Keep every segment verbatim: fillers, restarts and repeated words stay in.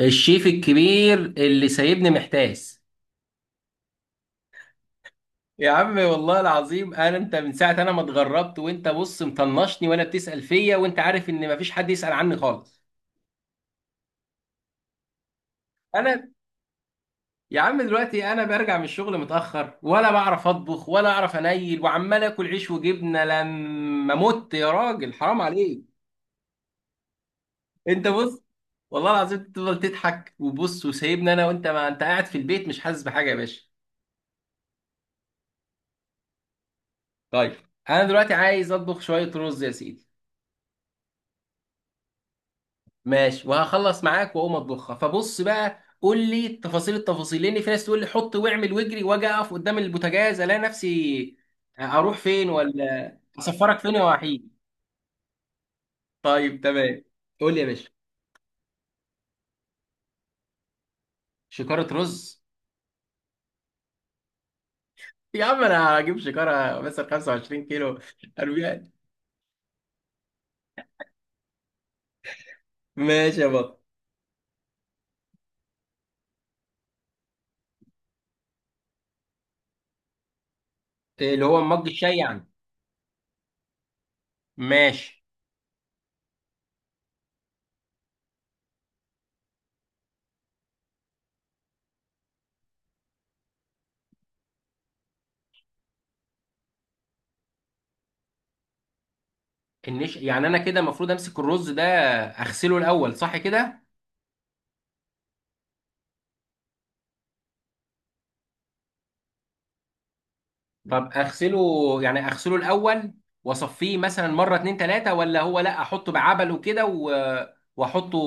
الشيف الكبير اللي سايبني محتاس. يا عم والله العظيم انا انت من ساعه انا ما اتغربت وانت بص مطنشني ولا بتسال فيا، وانت عارف ان مفيش حد يسال عني خالص. انا يا عم دلوقتي انا برجع من الشغل متاخر، ولا بعرف اطبخ ولا اعرف انيل، وعمال اكل عيش وجبنه لما مت، يا راجل حرام عليك. انت بص، والله العظيم تفضل تضحك وبص وسايبني انا، وانت ما انت قاعد في البيت مش حاسس بحاجه يا باشا. طيب، انا دلوقتي عايز اطبخ شويه رز يا سيدي. ماشي وهخلص معاك واقوم اطبخها. فبص بقى قول لي تفاصيل التفاصيل، لان في ناس تقول لي حط واعمل واجري، واجي اقف قدام البوتاجاز الاقي نفسي اروح فين ولا اسفرك فين يا وحيد. طيب تمام، قول لي يا باشا. شكارة رز. يا عم انا هجيب شكارة مثلا خمسة وعشرين كيلو. أربعين، ماشي يا بطل. اللي هو مج الشاي يعني. ماشي. النش يعني انا كده المفروض امسك الرز ده اغسله الاول، صح كده؟ طب اغسله، يعني اغسله الاول واصفيه مثلا مره اتنين تلاته، ولا هو لا احطه بعبل وكده و- واحطه.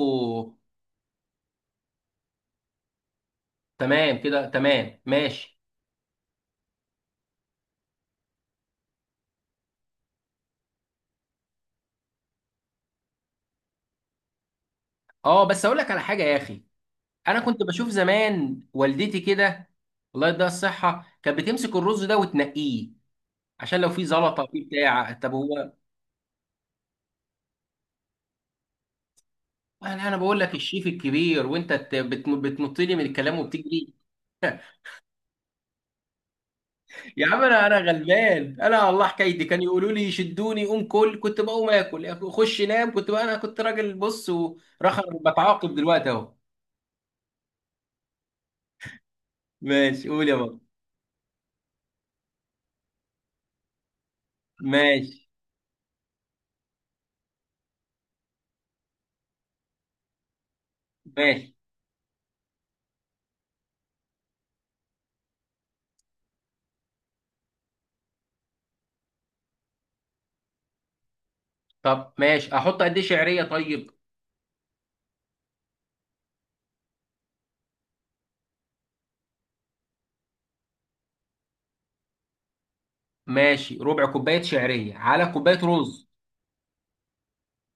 تمام كده تمام، ماشي. اه بس اقول لك على حاجه يا اخي، انا كنت بشوف زمان والدتي كده، الله يديها الصحه، كانت بتمسك الرز ده وتنقيه عشان لو في زلطه في بتاع، طب هو انا انا بقول لك الشيف الكبير وانت بتنط لي من الكلام وبتجري. يا عم انا انا غلبان، انا والله حكايتي كان يقولوا لي شدوني قوم كل، كنت بقوم اكل خش نام، كنت بقى انا كنت راجل بص ورخر بتعاقب دلوقتي اهو. ماشي قول يا بابا. ماشي. ماشي. طب ماشي، احط قد ايه شعريه طيب؟ ماشي، ربع كوبايه شعريه على كوبايه رز.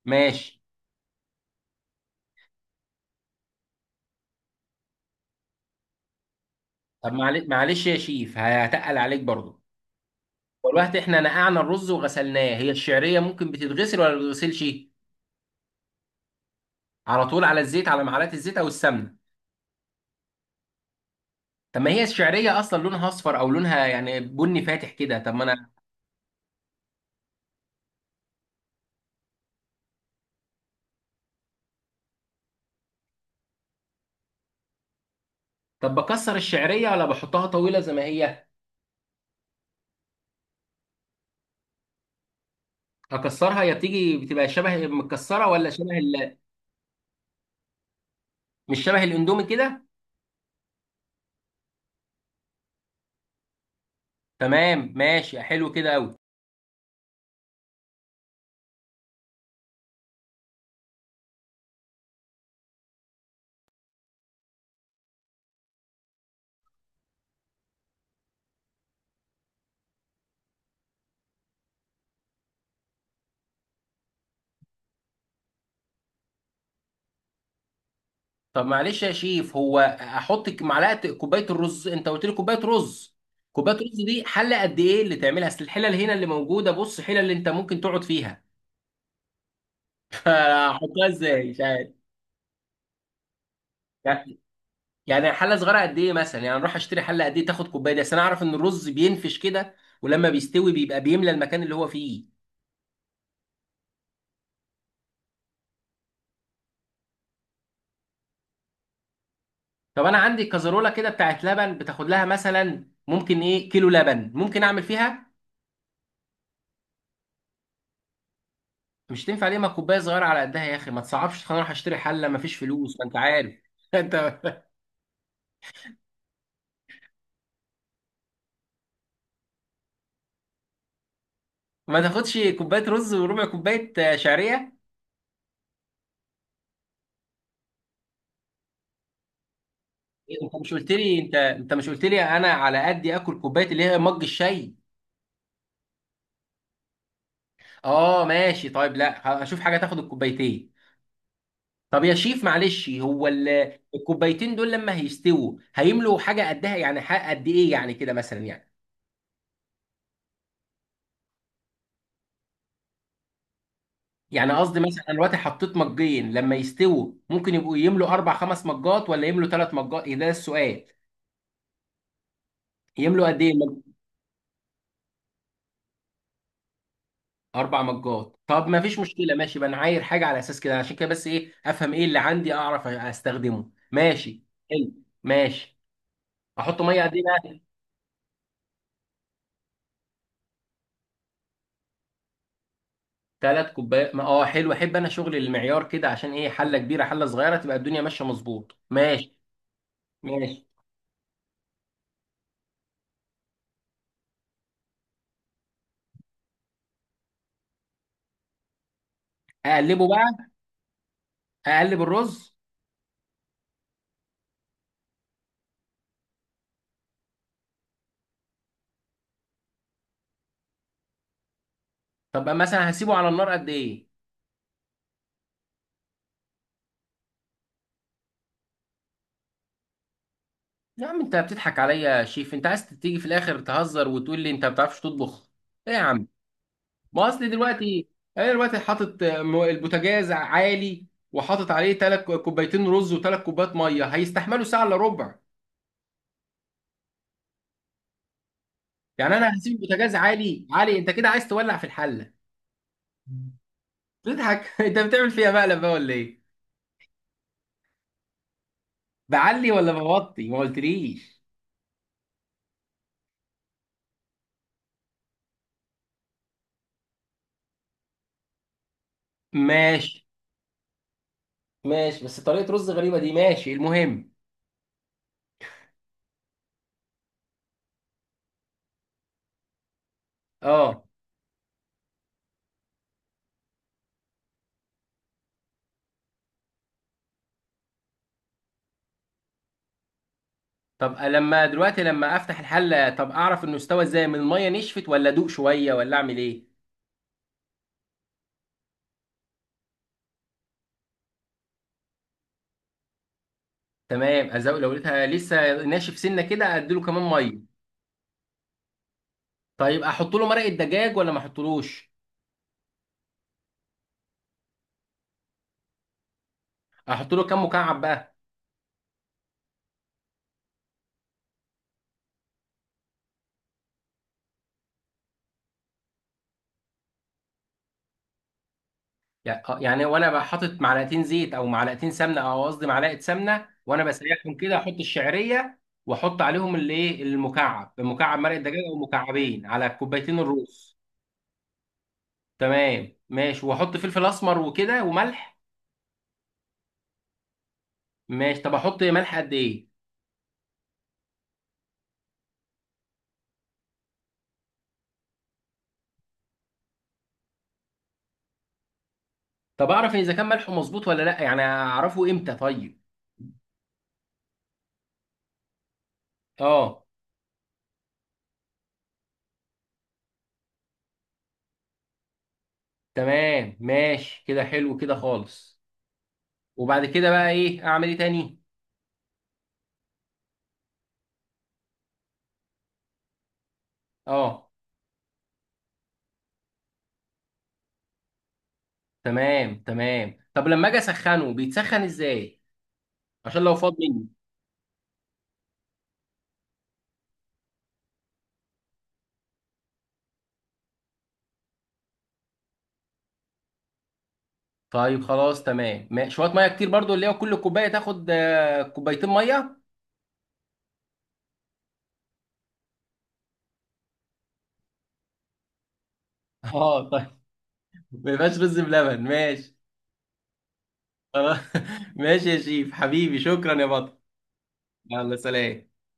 ماشي. طب معل- معلش يا شيف هتقل عليك برضه، والوقت احنا نقعنا الرز وغسلناه، هي الشعريه ممكن بتتغسل ولا ما بتتغسلش؟ على طول على الزيت، على معلقه الزيت او السمنه؟ طب ما هي الشعرية أصلا لونها أصفر أو لونها يعني بني فاتح كده، طب ما أنا. طب بكسر الشعرية ولا بحطها طويلة زي ما هي؟ أكسرها يا بتيجي بتبقى شبه متكسرة ولا شبه ال... مش شبه الأندومي كده؟ تمام ماشي، حلو كده أوي. طب معلش يا شيف، هو أحط ك- معلقة كوباية الرز، أنت قلت لي كوباية رز. كوباية رز دي حلة قد إيه اللي تعملها؟ أصل الحلل هنا اللي موجودة، بص حلل اللي أنت ممكن تقعد فيها. فأحطها إزاي مش عارف. يعني حله صغيره قد ايه مثلا، يعني اروح اشتري حله قد ايه تاخد كوبايه دي؟ اصل انا اعرف ان الرز بينفش كده، ولما بيستوي بيبقى بيملى المكان اللي هو فيه. طب انا عندي كزرولة كده بتاعت لبن بتاخد لها مثلا ممكن ايه كيلو لبن، ممكن اعمل فيها؟ مش تنفع ليه؟ ما كوبايه صغيره على قدها يا اخي، ما تصعبش، خلينا اروح اشتري حله ما فيش فلوس ما انت عارف. انت ما تاخدش كوبايه رز وربع كوبايه آه، شعريه؟ إيه، انت مش قلت لي، انت انت مش قلت لي انا على قدي اكل كوبايه اللي هي مج الشاي؟ اه ماشي طيب، لا اشوف حاجه تاخد الكوبايتين. طب يا شيف معلش، هو ال- الكوبايتين دول لما هيستووا هيملوا حاجه قدها، يعني حق قد ايه يعني كده مثلا يعني؟ يعني قصدي مثلا انا دلوقتي حطيت مجين، لما يستووا ممكن يبقوا يملوا اربع خمس مجات، ولا يملوا ثلاث مجات؟ إيه ده السؤال، يملوا قد ايه المج- اربع مجات؟ طب ما فيش مشكله، ماشي بقى انا عاير حاجه على اساس كده، عشان كده بس ايه افهم ايه اللي عندي اعرف استخدمه ماشي. حلو ماشي. احط ميه قد ايه بقى؟ ثلاث كوبايات، ما اه حلو، احب انا شغل المعيار كده، عشان ايه حله كبيره حله صغيره تبقى الدنيا ماشيه مظبوط، ماشي ماشي. اقلبه بقى. اقلب الرز. طب مثلا هسيبه على النار قد ايه؟ يا عم انت بتضحك عليا يا شيف، انت عايز تيجي في الاخر تهزر وتقول لي انت ما بتعرفش تطبخ؟ ايه يا عم ما اصل دلوقتي، انا دلوقتي حاطط آه، م- البوتاجاز عالي، وحاطط عليه ثلاث كوبايتين رز وثلاث كوبايات ميه، هيستحملوا ساعه الا ربع؟ يعني انا هسيب البوتاجاز عالي عالي، انت كده عايز تولع في الحله؟ تضحك. انت بتعمل فيها مقلب بقى ولا ايه؟ بعلي ولا بوطي ما قلتليش؟ ماشي. ماشي بس طريقة رز غريبة دي، ماشي المهم. اه، طب لما دلوقتي لما افتح الحلة، طب اعرف انه استوى ازاي، من المية نشفت ولا ادوق شوية ولا اعمل ايه؟ تمام، ازوق لو لقيتها لسه ناشف سنة كده اديله كمان مية. طيب احط له مرقة دجاج ولا ما احطلوش؟ احط له كام مكعب بقى؟ يعني آه، يعني وانا بقى حاطط معلقتين زيت او معلقتين سمنه، او قصدي معلقه سمنه، وانا بسيحهم كده احط الشعريه، واحط عليهم الايه المكعب، مكعب مرق الدجاج او مكعبين على كوبايتين الرز؟ تمام ماشي، واحط فلفل اسمر وكده وملح. ماشي طب احط ملح قد ايه؟ طب اعرف اذا كان ملحه مظبوط ولا لا، يعني اعرفه امتى طيب؟ اه. تمام ماشي كده، حلو كده خالص. وبعد كده بقى ايه اعمل ايه تاني؟ اه. تمام تمام، طب لما اجي اسخنه بيتسخن ازاي؟ عشان لو فاض مني. طيب خلاص تمام، ما- شويه ميه كتير برضو، اللي هو كل كوبايه تاخد آه، كوبايتين ميه؟ اه طيب، ما يبقاش رز بلبن ماشي. خلاص. ماشي يا شيف حبيبي، شكرا يا بطل. يلا سلام.